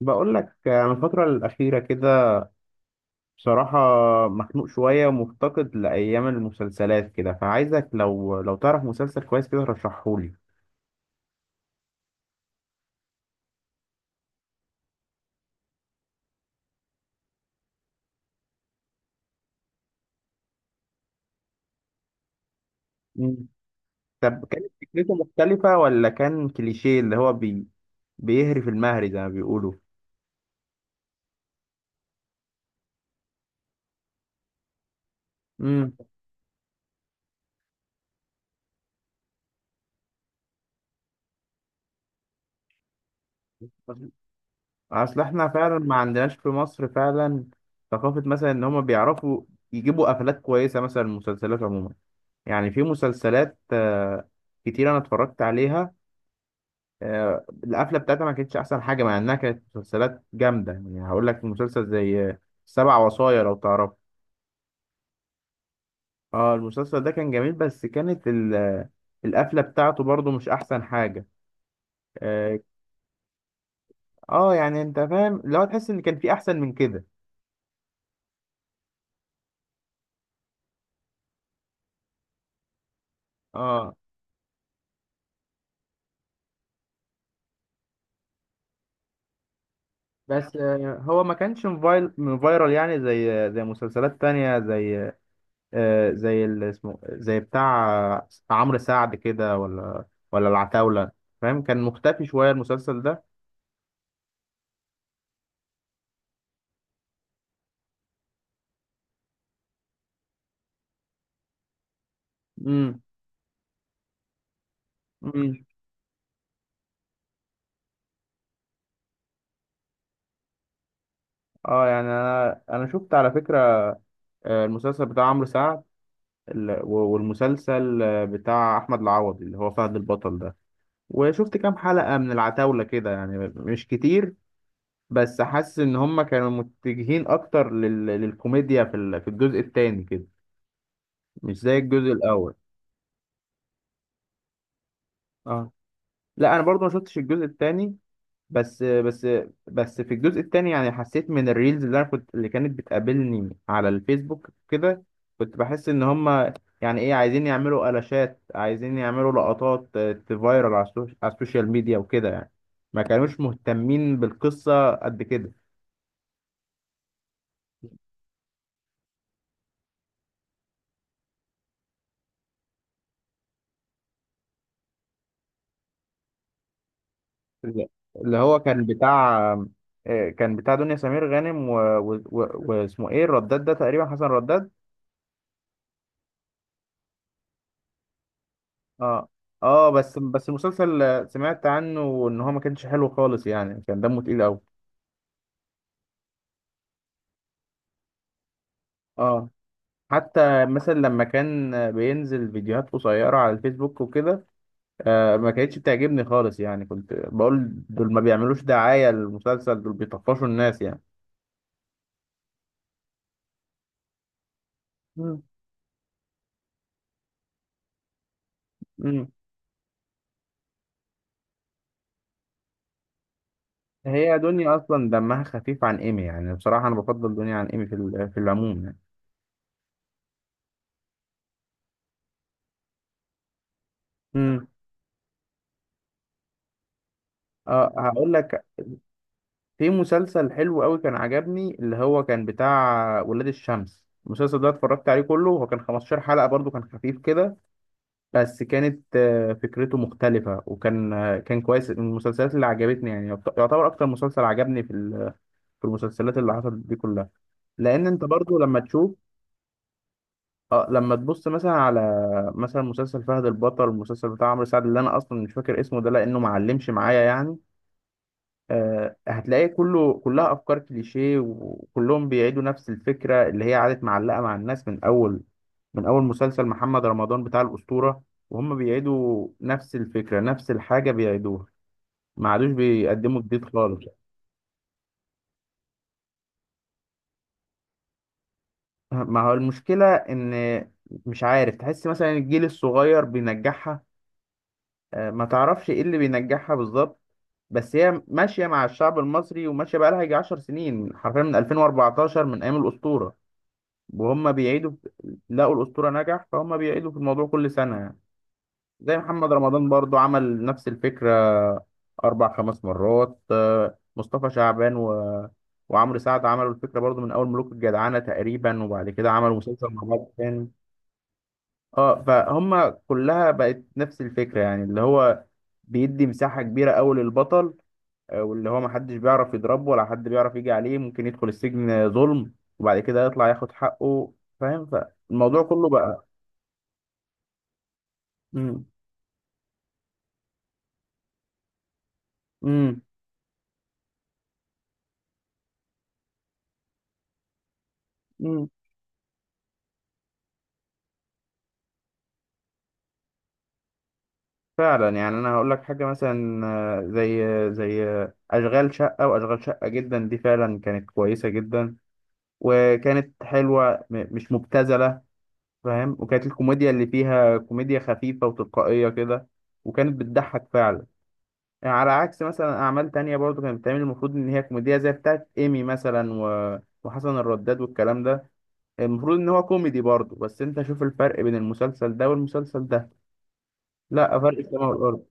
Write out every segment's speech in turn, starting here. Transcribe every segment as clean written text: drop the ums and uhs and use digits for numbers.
بقول لك انا الفترة الأخيرة كده، بصراحة مخنوق شوية ومفتقد لأيام المسلسلات كده، فعايزك لو تعرف مسلسل كويس كده رشحهولي. مم. طب كانت فكرته مختلفة ولا كان كليشيه اللي هو بيهري في المهري زي ما بيقولوا؟ امم أصل احنا فعلا ما عندناش في مصر فعلا ثقافة، مثلا إن هما بيعرفوا يجيبوا قفلات كويسة مثلا المسلسلات عموما. يعني في مسلسلات كتير أنا اتفرجت عليها، القفله بتاعتها ما كانتش احسن حاجه مع انها كانت مسلسلات جامده. يعني هقول لك مسلسل زي سبع وصايا، لو تعرف. اه، المسلسل ده كان جميل، بس كانت القفله بتاعته برضو مش احسن حاجه. اه. يعني انت فاهم، لو تحس ان كان في احسن من كده. اه، بس هو ما كانش موبايل فايرال يعني، زي مسلسلات تانية زي زي اللي اسمه زي بتاع عمرو سعد كده، ولا العتاولة. فاهم؟ كان مختفي شوية المسلسل ده. مم. مم. اه، يعني انا شفت على فكره المسلسل بتاع عمرو سعد ال- و- والمسلسل بتاع احمد العوضي اللي هو فهد البطل ده، وشفت كام حلقه من العتاوله كده، يعني مش كتير. بس حاسس ان هم كانوا متجهين اكتر للكوميديا في الجزء التاني كده، مش زي الجزء الاول. اه، لا، انا برضو ما شفتش الجزء التاني، بس بس في الجزء التاني يعني حسيت من الريلز اللي انا كنت اللي كانت بتقابلني على الفيسبوك كده. كنت بحس ان هما يعني ايه، عايزين يعملوا قلاشات، عايزين يعملوا لقطات تفايرل على على السوشيال ميديا وكده يعني. ما كانوش مهتمين بالقصة قد كده. اللي اللي هو كان بتاع كان بتاع دنيا سمير غانم واسمه ايه الرداد ده، تقريبا حسن رداد. اه. اه، بس المسلسل سمعت عنه ان هو ما كانش حلو خالص يعني، كان دمه تقيل قوي. اه، حتى مثلا لما كان بينزل فيديوهات قصيرة على الفيسبوك وكده. ما كانتش بتعجبني خالص يعني، كنت بقول دول ما بيعملوش دعاية للمسلسل، دول بيطفشوا الناس يعني. مم. مم. هي دنيا اصلا دمها خفيف عن ايمي يعني، بصراحة انا بفضل دنيا عن ايمي في العموم يعني. مم. اه، هقول لك، في مسلسل حلو قوي كان عجبني اللي هو كان بتاع ولاد الشمس. المسلسل ده اتفرجت عليه كله، هو كان 15 حلقة، برضو كان خفيف كده. بس كانت فكرته مختلفة وكان كان كويس من المسلسلات اللي عجبتني. يعني يعتبر أكتر مسلسل عجبني في المسلسلات اللي حصلت دي كلها. لأن أنت برضو لما تشوف، اه، لما تبص مثلا على، مثلا مسلسل فهد البطل، المسلسل بتاع عمرو سعد اللي أنا أصلا مش فاكر اسمه ده لأنه معلمش معايا يعني. هتلاقيه كله، كلها افكار كليشيه، وكلهم بيعيدوا نفس الفكره اللي هي قعدت معلقه مع الناس من اول مسلسل محمد رمضان بتاع الاسطوره، وهم بيعيدوا نفس الفكره، نفس الحاجه بيعيدوها. ما عادوش بيقدموا جديد خالص. ما هو المشكله ان مش عارف، تحس مثلا الجيل الصغير بينجحها. ما تعرفش ايه اللي بينجحها بالظبط. بس هي ماشيه مع الشعب المصري، وماشيه بقى لها يجي 10 سنين حرفيا من 2014، من ايام الاسطوره، وهم بيعيدوا لقوا الأسطورة نجح، فهم بيعيدوا في الموضوع كل سنة يعني. زي محمد رمضان برضو عمل نفس الفكرة أربع خمس مرات. مصطفى شعبان و... وعمرو سعد عملوا الفكرة برضو من أول ملوك الجدعنة تقريبا، وبعد كده عملوا مسلسل مع بعض تاني. اه، فهم كلها بقت نفس الفكرة يعني، اللي هو بيدي مساحة كبيرة أوي للبطل. واللي هو محدش بيعرف يضربه، ولا حد بيعرف يجي عليه. ممكن يدخل السجن ظلم وبعد كده يطلع ياخد حقه، فاهم. الموضوع كله بقى. امم امم امم فعلا. يعني انا هقول لك حاجه، مثلا زي اشغال شقه واشغال شقه جدا، دي فعلا كانت كويسه جدا، وكانت حلوه، مش مبتذله، فاهم. وكانت الكوميديا اللي فيها كوميديا خفيفه وتلقائيه كده، وكانت بتضحك فعلا، يعني على عكس مثلا اعمال تانية برضو كانت بتعمل، المفروض ان هي كوميديا، زي بتاعت ايمي مثلا و... وحسن الرداد والكلام ده، المفروض ان هو كوميدي برضو، بس انت شوف الفرق بين المسلسل ده والمسلسل ده. لا، فرق السماء والارض.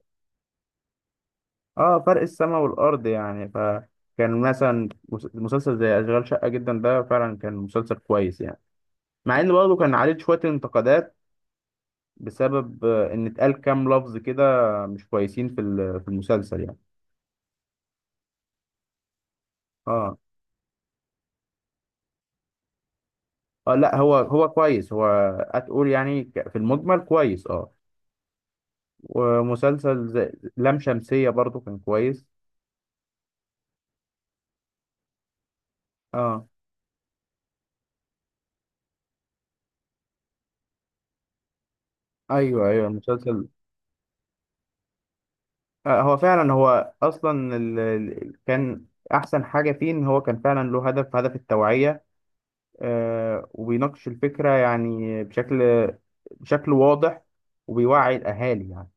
اه، فرق السما والارض يعني. فكان مثلا مسلسل زي اشغال شقه جدا ده فعلا كان مسلسل كويس يعني، مع ان برضه كان عليه شويه انتقادات بسبب ان اتقال كام لفظ كده مش كويسين في المسلسل يعني. اه. اه، لا، هو كويس. هو هتقول يعني في المجمل كويس، اه. ومسلسل زي لام شمسيه برضه كان كويس. اه، ايوه، ايوه، المسلسل هو فعلا، هو اصلا كان احسن حاجه فيه ان هو كان فعلا له هدف، هدف التوعيه. وبيناقش الفكره، يعني بشكل واضح، وبيوعي الاهالي يعني.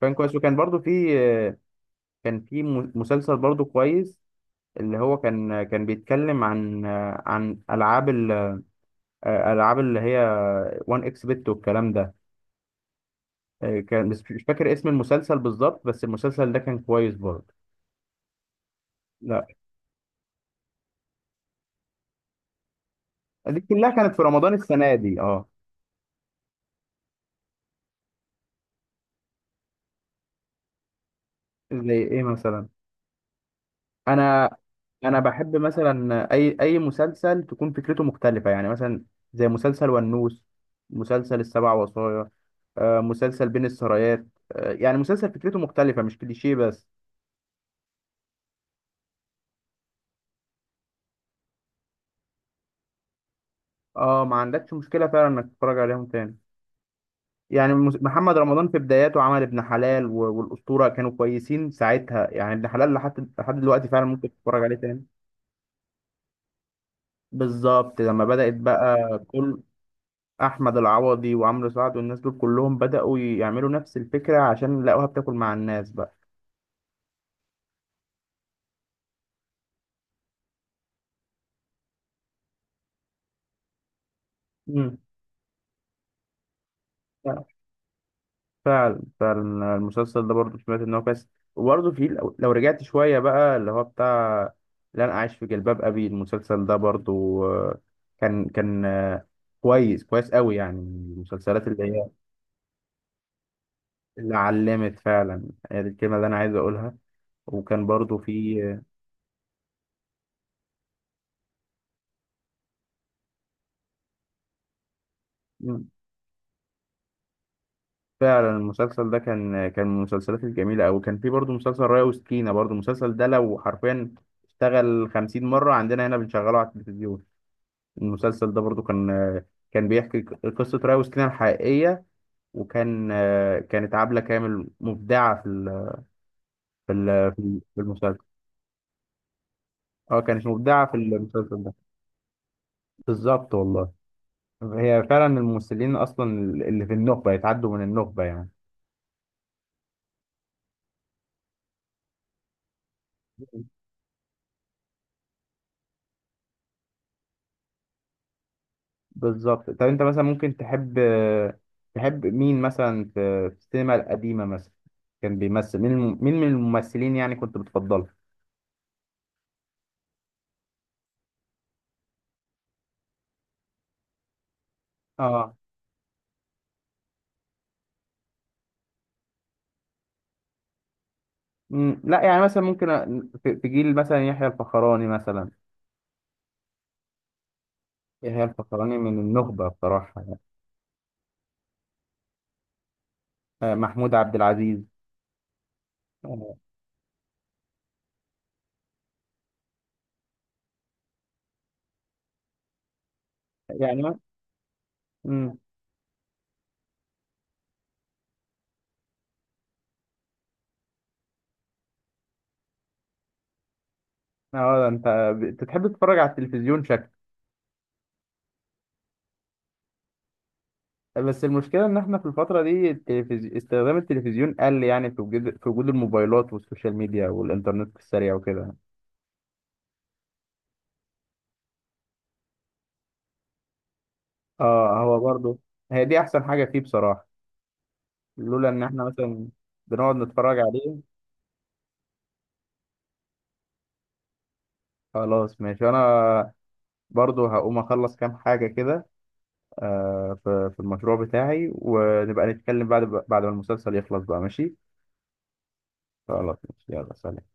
كان كويس، وكان برضو في، كان في مسلسل برضو كويس اللي هو كان بيتكلم عن عن العاب العاب اللي هي 1xBet والكلام ده. كان بس مش فاكر اسم المسلسل بالظبط، بس المسلسل ده كان كويس برضه. لا، دي كلها كانت في رمضان السنه دي اه. زي ايه مثلا؟ انا انا بحب مثلا اي مسلسل تكون فكرته مختلفه، يعني مثلا زي مسلسل ونوس، مسلسل السبع وصايا، مسلسل بين السرايات، يعني مسلسل فكرته مختلفه، مش كليشيه بس. اه، ما عندكش مشكله فعلا انك تتفرج عليهم تاني، يعني محمد رمضان في بداياته عمل ابن حلال والاسطوره، كانوا كويسين ساعتها يعني. ابن حلال لحد دلوقتي فعلا ممكن تتفرج عليه تاني. بالظبط لما بدأت بقى كل احمد العوضي وعمرو سعد والناس دول كلهم بدأوا يعملوا نفس الفكرة، عشان لقوها بتاكل مع الناس بقى. امم فعلا، فعلا. المسلسل ده برضه سمعت ان هو كويس. وبرضه في لو رجعت شوية بقى اللي هو بتاع لا انا عايش في جلباب ابي، المسلسل ده برضه آه، كان كويس، كويس قوي يعني، من المسلسلات اللي هي اللي علمت فعلا. هي دي الكلمة اللي انا عايز اقولها. وكان برضه في فعلا. المسلسل ده كان من المسلسلات الجميلة أوي. كان في برضه مسلسل ريا وسكينة، برضه المسلسل ده لو حرفيا اشتغل خمسين مرة عندنا هنا بنشغله على التلفزيون. المسلسل ده برضه كان بيحكي قصة ريا وسكينة الحقيقية. وكان كانت عبلة كامل مبدعة في ال- في المسلسل. اه، كانت مبدعة في المسلسل ده. بالظبط والله. هي فعلا الممثلين أصلا اللي في النخبة يتعدوا من النخبة يعني. بالظبط. طب انت مثلا ممكن تحب مين مثلا في السينما القديمة مثلا، كان بيمثل؟ مين مين من الممثلين يعني كنت بتفضله؟ اه. مم، لا، يعني مثلا ممكن في جيل مثلا يحيى الفخراني مثلا. يحيى الفخراني من النخبة بصراحة يعني. محمود عبد العزيز. آه، يعني مم، اه، ده انت بتحب تتفرج على التلفزيون شكل. بس المشكلة إن إحنا في الفترة دي استخدام التلفزيون قل يعني، في وجود، الموبايلات والسوشيال ميديا والإنترنت السريع وكده. اه، هو برضو هي دي احسن حاجه فيه بصراحه، لولا ان احنا مثلا بنقعد نتفرج عليه. خلاص ماشي، انا برضو هقوم اخلص كام حاجه كده، في المشروع بتاعي، ونبقى نتكلم بعد، ما المسلسل يخلص بقى، ماشي. خلاص ماشي، يلا سلام.